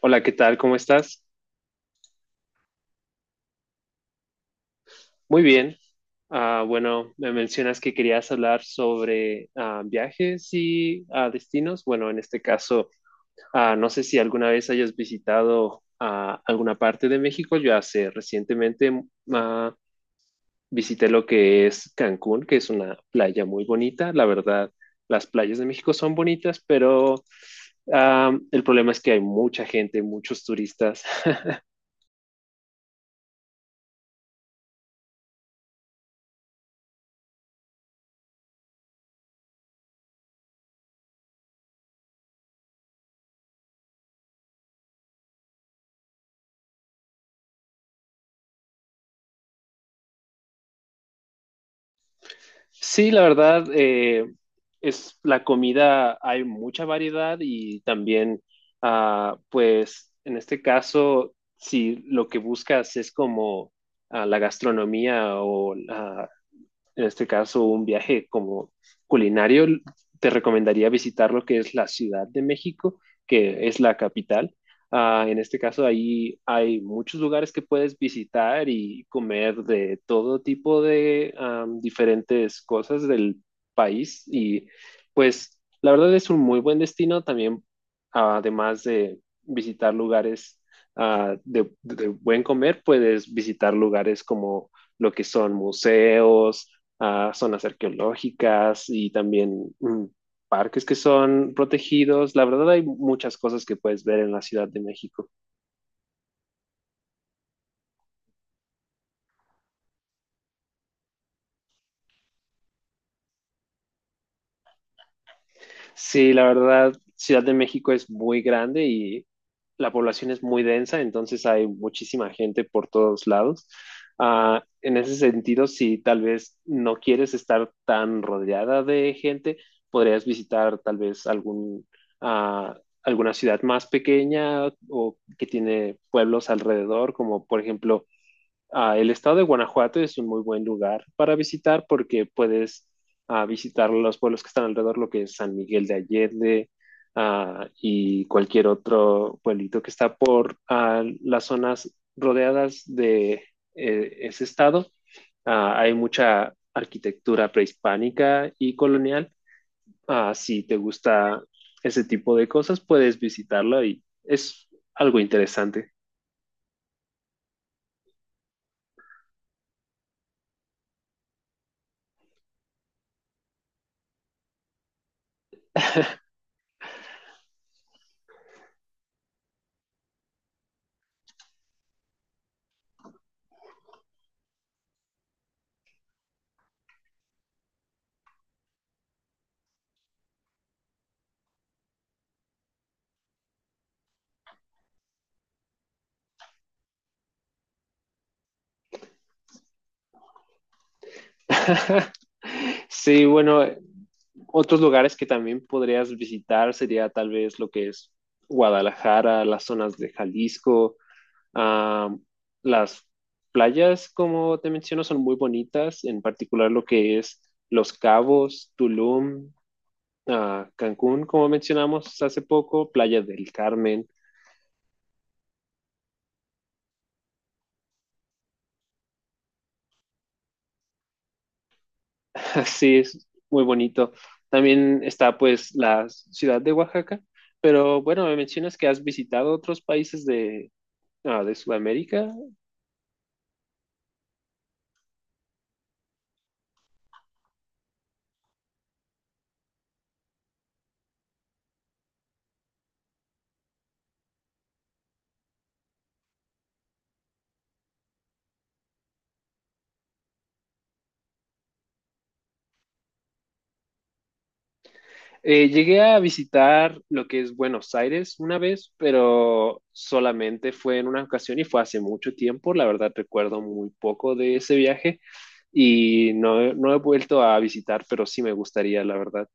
Hola, ¿qué tal? ¿Cómo estás? Muy bien. Bueno, me mencionas que querías hablar sobre viajes y destinos. Bueno, en este caso, no sé si alguna vez hayas visitado alguna parte de México. Yo hace recientemente ah, visité lo que es Cancún, que es una playa muy bonita. La verdad, las playas de México son bonitas, pero el problema es que hay mucha gente, muchos turistas. Sí, la verdad, es la comida, hay mucha variedad y también, pues, en este caso, si lo que buscas es como la gastronomía o en este caso un viaje como culinario, te recomendaría visitar lo que es la Ciudad de México, que es la capital. Ah, en este caso, ahí hay muchos lugares que puedes visitar y comer de todo tipo de diferentes cosas del país. Y pues la verdad es un muy buen destino también, además de visitar lugares de buen comer, puedes visitar lugares como lo que son museos, a zonas arqueológicas y también parques que son protegidos. La verdad hay muchas cosas que puedes ver en la Ciudad de México. Sí, la verdad, Ciudad de México es muy grande y la población es muy densa, entonces hay muchísima gente por todos lados. Ah, en ese sentido, si tal vez no quieres estar tan rodeada de gente, podrías visitar tal vez algún, ah, alguna ciudad más pequeña o que tiene pueblos alrededor, como por ejemplo el estado de Guanajuato es un muy buen lugar para visitar porque puedes visitar los pueblos que están alrededor, lo que es San Miguel de Allende y cualquier otro pueblito que está por las zonas rodeadas de ese estado. Ah, hay mucha arquitectura prehispánica y colonial. Ah, si te gusta ese tipo de cosas, puedes visitarlo y es algo interesante. Sí, bueno, otros lugares que también podrías visitar sería tal vez lo que es Guadalajara, las zonas de Jalisco, ah, las playas, como te menciono, son muy bonitas, en particular lo que es Los Cabos, Tulum, Cancún, como mencionamos hace poco, Playa del Carmen. Así es, muy bonito. También está pues la ciudad de Oaxaca, pero bueno, me mencionas que has visitado otros países de, de Sudamérica. Llegué a visitar lo que es Buenos Aires una vez, pero solamente fue en una ocasión y fue hace mucho tiempo. La verdad recuerdo muy poco de ese viaje y no, no he vuelto a visitar, pero sí me gustaría, la verdad.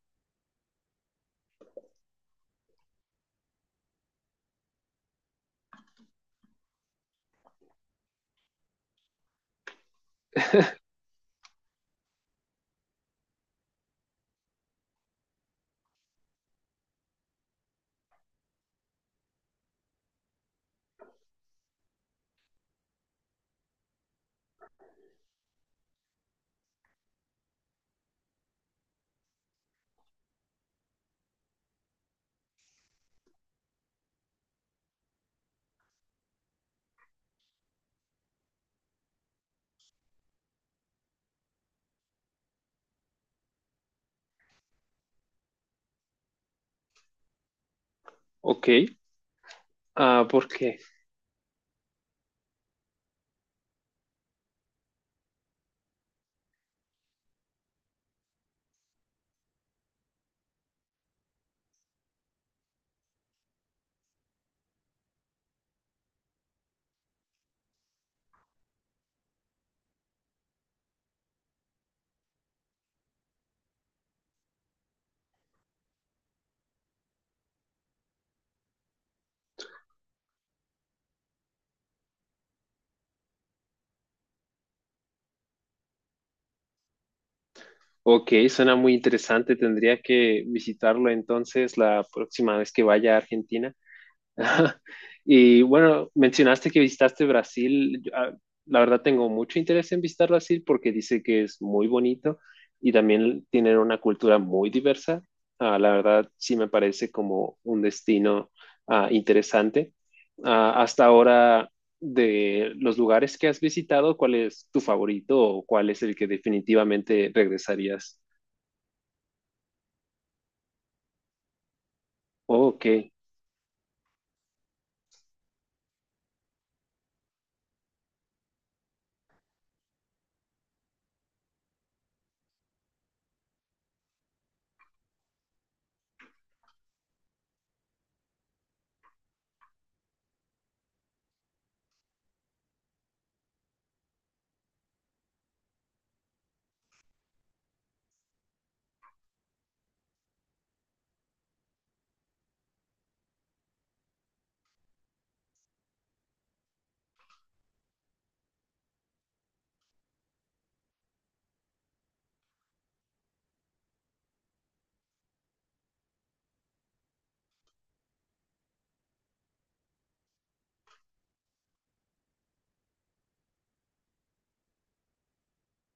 Ok, ¿por qué? Ok, suena muy interesante. Tendría que visitarlo entonces la próxima vez que vaya a Argentina. Y bueno, mencionaste que visitaste Brasil. Yo, la verdad tengo mucho interés en visitar Brasil porque dice que es muy bonito y también tienen una cultura muy diversa. Ah, la verdad sí me parece como un destino interesante. Ah, hasta ahora, de los lugares que has visitado, ¿cuál es tu favorito o cuál es el que definitivamente regresarías? Oh, ok.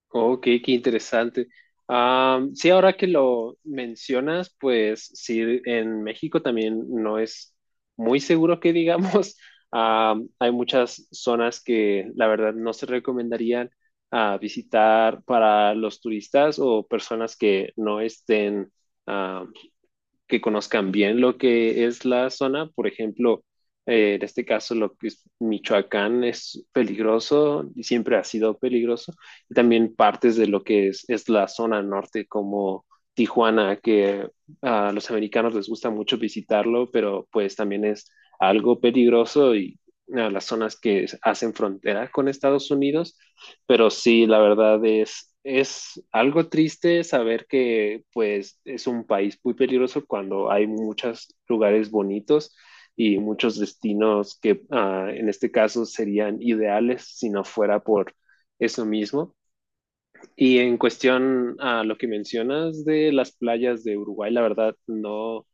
Ok, qué interesante. Am, sí, ahora que lo mencionas, pues sí, en México también no es muy seguro que digamos. Am, hay muchas zonas que la verdad no se recomendarían visitar para los turistas o personas que no estén que conozcan bien lo que es la zona. Por ejemplo, en este caso, lo que es Michoacán es peligroso y siempre ha sido peligroso. Y también partes de lo que es la zona norte, como Tijuana, que a los americanos les gusta mucho visitarlo, pero pues también es algo peligroso y a las zonas que hacen frontera con Estados Unidos. Pero sí, la verdad es algo triste saber que pues es un país muy peligroso cuando hay muchos lugares bonitos y muchos destinos que en este caso serían ideales si no fuera por eso mismo. Y en cuestión a lo que mencionas de las playas de Uruguay, la verdad no,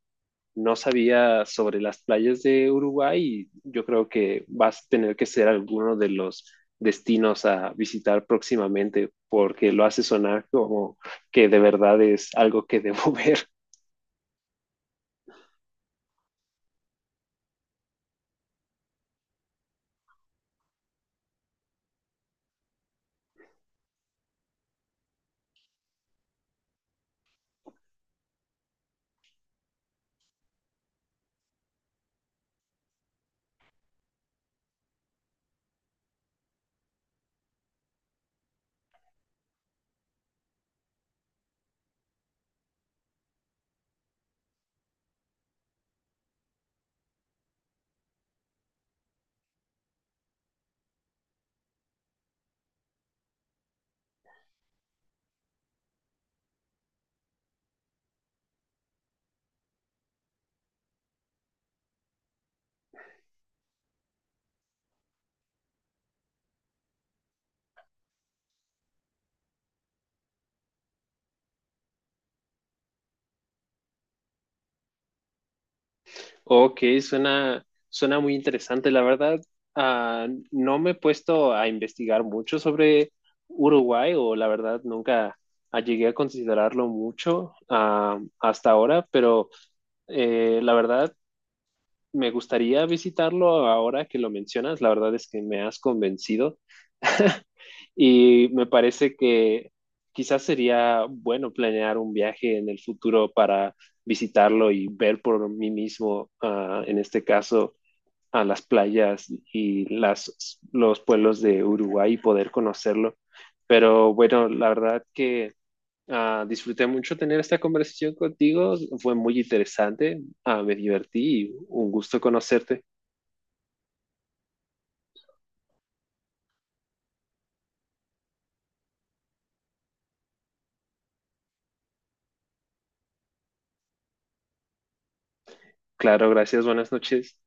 no sabía sobre las playas de Uruguay y yo creo que vas a tener que ser alguno de los destinos a visitar próximamente porque lo hace sonar como que de verdad es algo que debo ver. Ok, suena, suena muy interesante, la verdad. Ah, no me he puesto a investigar mucho sobre Uruguay o la verdad nunca llegué a considerarlo mucho hasta ahora, pero la verdad me gustaría visitarlo ahora que lo mencionas. La verdad es que me has convencido y me parece que quizás sería bueno planear un viaje en el futuro para visitarlo y ver por mí mismo, en este caso, a las playas y las, los pueblos de Uruguay y poder conocerlo. Pero bueno, la verdad que disfruté mucho tener esta conversación contigo, fue muy interesante. Ah, me divertí y un gusto conocerte. Claro, gracias, buenas noches.